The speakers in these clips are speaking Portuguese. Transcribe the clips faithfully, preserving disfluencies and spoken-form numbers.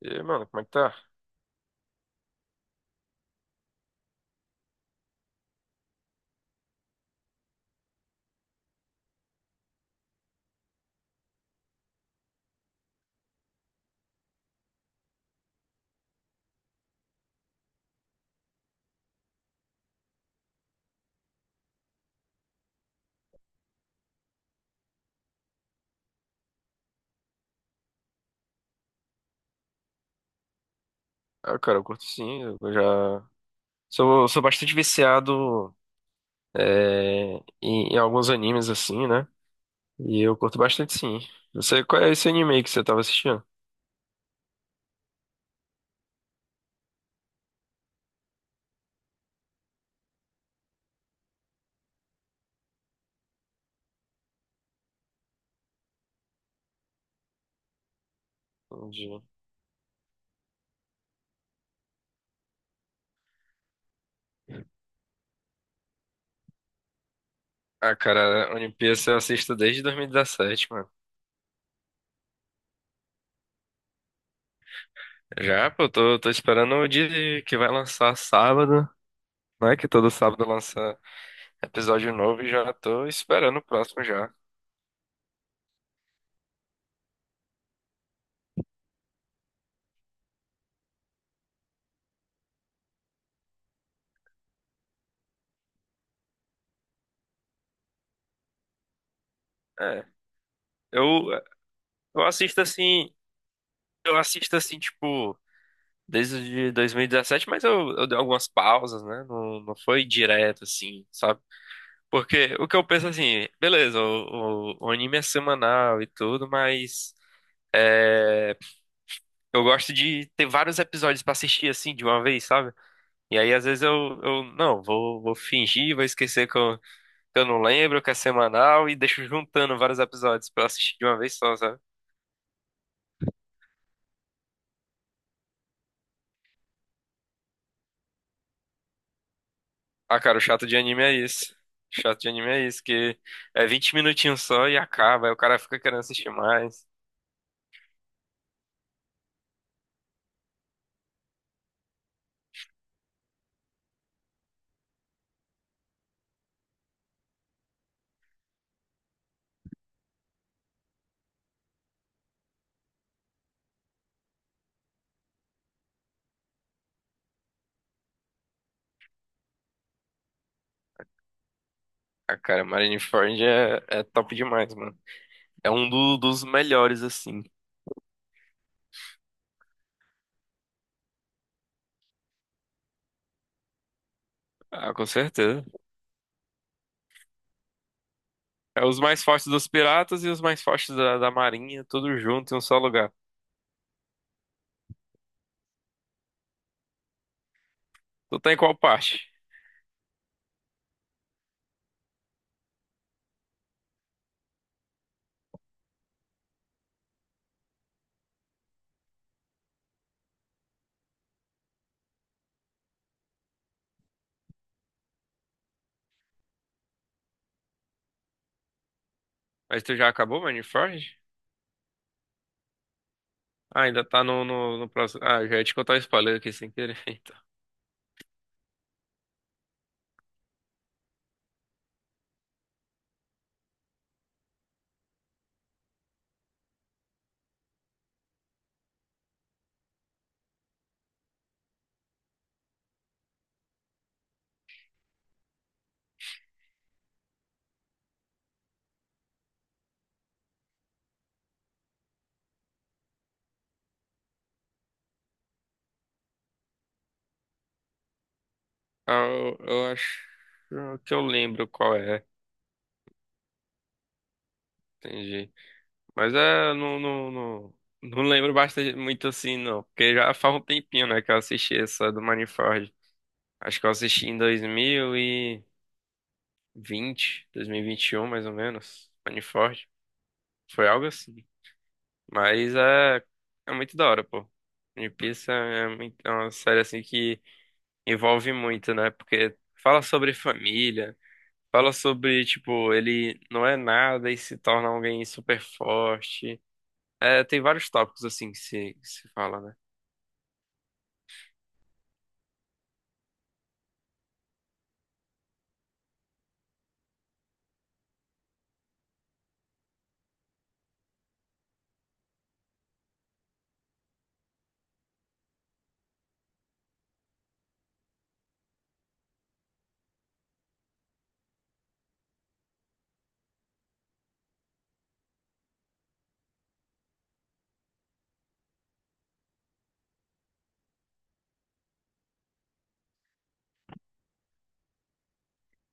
E aí, mano, como é que tá? Ah, cara, eu curto sim, eu já... Sou, sou bastante viciado é, em, em alguns animes, assim, né? E eu curto bastante sim. Você, qual é esse anime aí que você tava assistindo? Entendi. Ah, cara, One Piece eu assisto desde dois mil e dezessete, mano. Já, pô, eu tô, tô esperando o dia que vai lançar sábado, né? Que todo sábado lança episódio novo e já tô esperando o próximo já. É, eu, eu assisto assim, eu assisto assim, tipo... desde dois mil e dezessete, mas eu, eu dei algumas pausas, né? Não, não foi direto assim, sabe? Porque o que eu penso assim, beleza, o, o, o anime é semanal e tudo, mas é, eu gosto de ter vários episódios pra assistir assim de uma vez, sabe? E aí às vezes eu, eu não, vou, vou fingir, vou esquecer que eu, que eu não lembro, que é semanal e deixo juntando vários episódios pra assistir de uma vez só, sabe? Ah, cara, o chato de anime é isso. O chato de anime é isso, que é vinte minutinhos só e acaba, aí o cara fica querendo assistir mais. Ah, cara, Marineford é, é top demais, mano. É um do- dos melhores, assim. Ah, com certeza. É os mais fortes dos piratas e os mais fortes da, da marinha, tudo junto em um só lugar. Tu tá em qual parte? Mas tu já acabou, Marineford? Ah, ainda tá no, no, no próximo. Ah, já ia te contar o spoiler aqui sem querer. Então. Ah, eu, eu acho que eu lembro qual é. Entendi. Mas é, não, não, não, não lembro bastante muito assim, não. Porque já faz um tempinho, né, que eu assisti essa do Manifold. Acho que eu assisti em dois dois mil mil e e vinte, dois mil e vinte e um, mais ou menos. Manifold. Foi algo assim. Mas é, é muito da hora, pô. One Piece é, muito, é uma série assim que envolve muito, né? Porque fala sobre família, fala sobre, tipo, ele não é nada e se torna alguém super forte. É, tem vários tópicos assim que se, que se fala, né?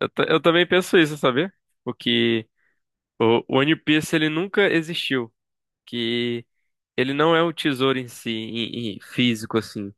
Eu, ta- eu também penso isso, sabia? Porque o o One Piece ele nunca existiu. Que ele não é o tesouro em si, em, em físico, assim.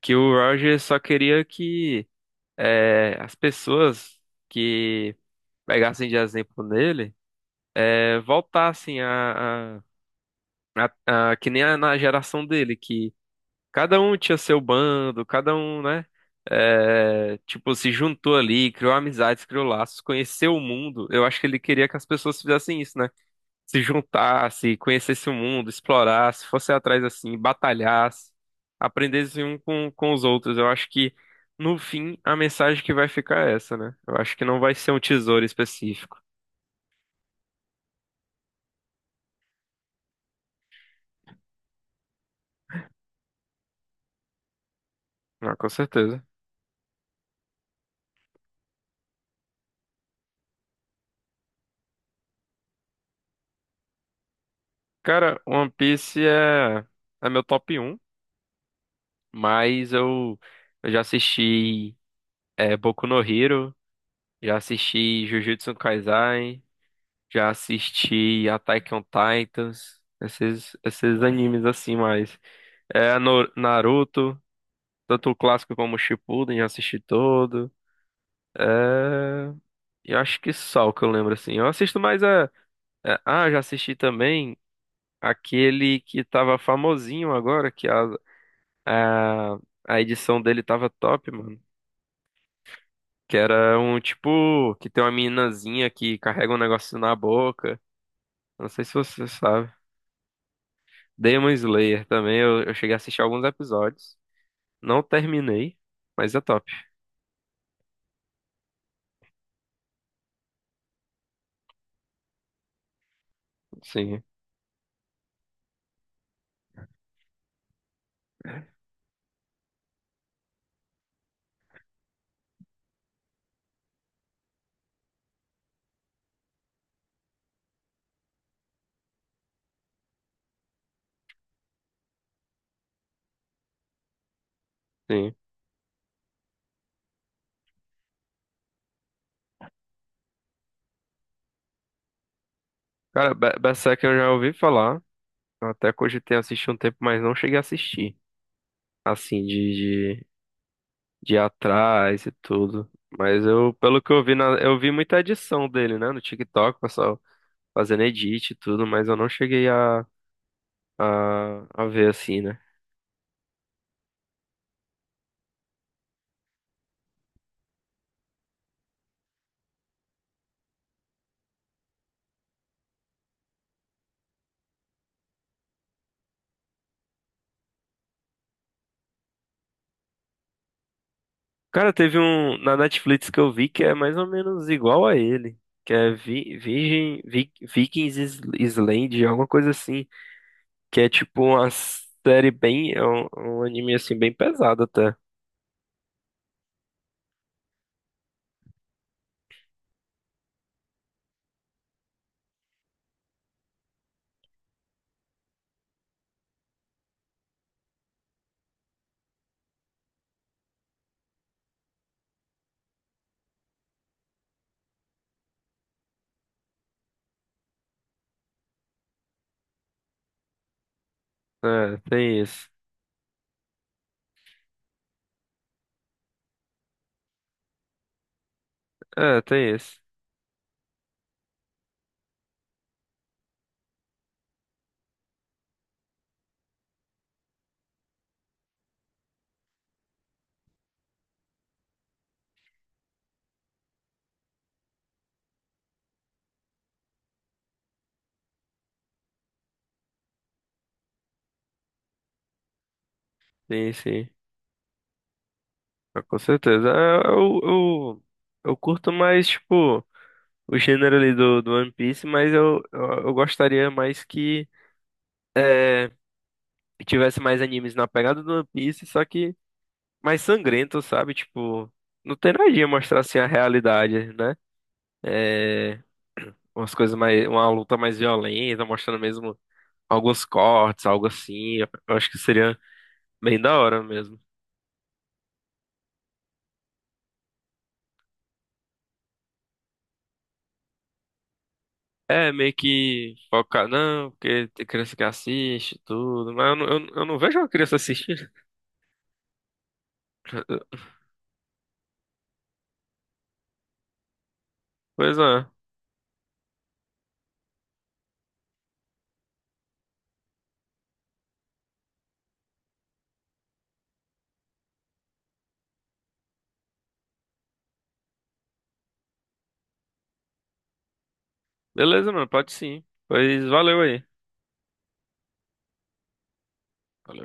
Que o Roger só queria que. É, as pessoas que pegassem de exemplo nele é, voltassem a, a- a- a- que nem a- na geração dele, que cada um tinha seu bando, cada um, né? É, tipo, se juntou ali, criou amizades, criou laços, conheceu o mundo. Eu acho que ele queria que as pessoas fizessem isso, né? Se juntasse, conhecesse o mundo, explorasse, fosse atrás assim, batalhasse, aprendesse um com, com os outros. Eu acho que, no fim, a mensagem que vai ficar é essa, né? Eu acho que não vai ser um tesouro específico. Ah, com certeza. Cara, One Piece é, é meu top um, mas eu, eu já assisti é, Boku no Hero, já assisti Jujutsu Kaisen, já assisti Attack on Titans, esses, esses animes assim mais. É no- Naruto, tanto o clássico como o Shippuden, já assisti todo. É, eu acho que só o que eu lembro assim. Eu assisto mais a, é, ah, já assisti também aquele que tava famosinho agora, que a, a, a edição dele tava top, mano. Que era um tipo que tem uma meninazinha que carrega um negócio na boca. Não sei se você sabe. Demon Slayer também, eu, eu cheguei a assistir alguns episódios. Não terminei, mas é top. Sim, sim. Cara, Be- Berserk eu já ouvi falar. Eu até cogitei assistir um tempo, mas não cheguei a assistir. Assim, de, de, de ir atrás e tudo. Mas eu, pelo que eu vi, na, eu vi muita edição dele, né? No TikTok, o pessoal fazendo edit e tudo, mas eu não cheguei a, a, a ver assim, né? Cara, teve um na Netflix que eu vi que é mais ou menos igual a ele. Que é Vi, Virgin, Vi- Vikings Is- Island, alguma coisa assim. Que é tipo uma série bem. É um, um anime assim, bem pesado até. É, tem isso. É, tem isso. Sim, sim. Ah, com certeza. É, Eu, eu, eu curto mais, tipo, o gênero ali do, do One Piece, mas eu, eu, eu gostaria mais que, é, que tivesse mais animes na pegada do One Piece, só que mais sangrento, sabe? Tipo, não tem nada de mostrar assim a realidade, né? É, umas coisas mais, uma luta mais violenta, mostrando mesmo alguns cortes, algo assim. Eu eu acho que seria bem da hora mesmo. É, meio que focar, não, porque tem criança que assiste e tudo, mas eu não, eu, eu não vejo uma criança assistindo. Pois é, beleza, mano, pode sim. Pois valeu aí. Valeu.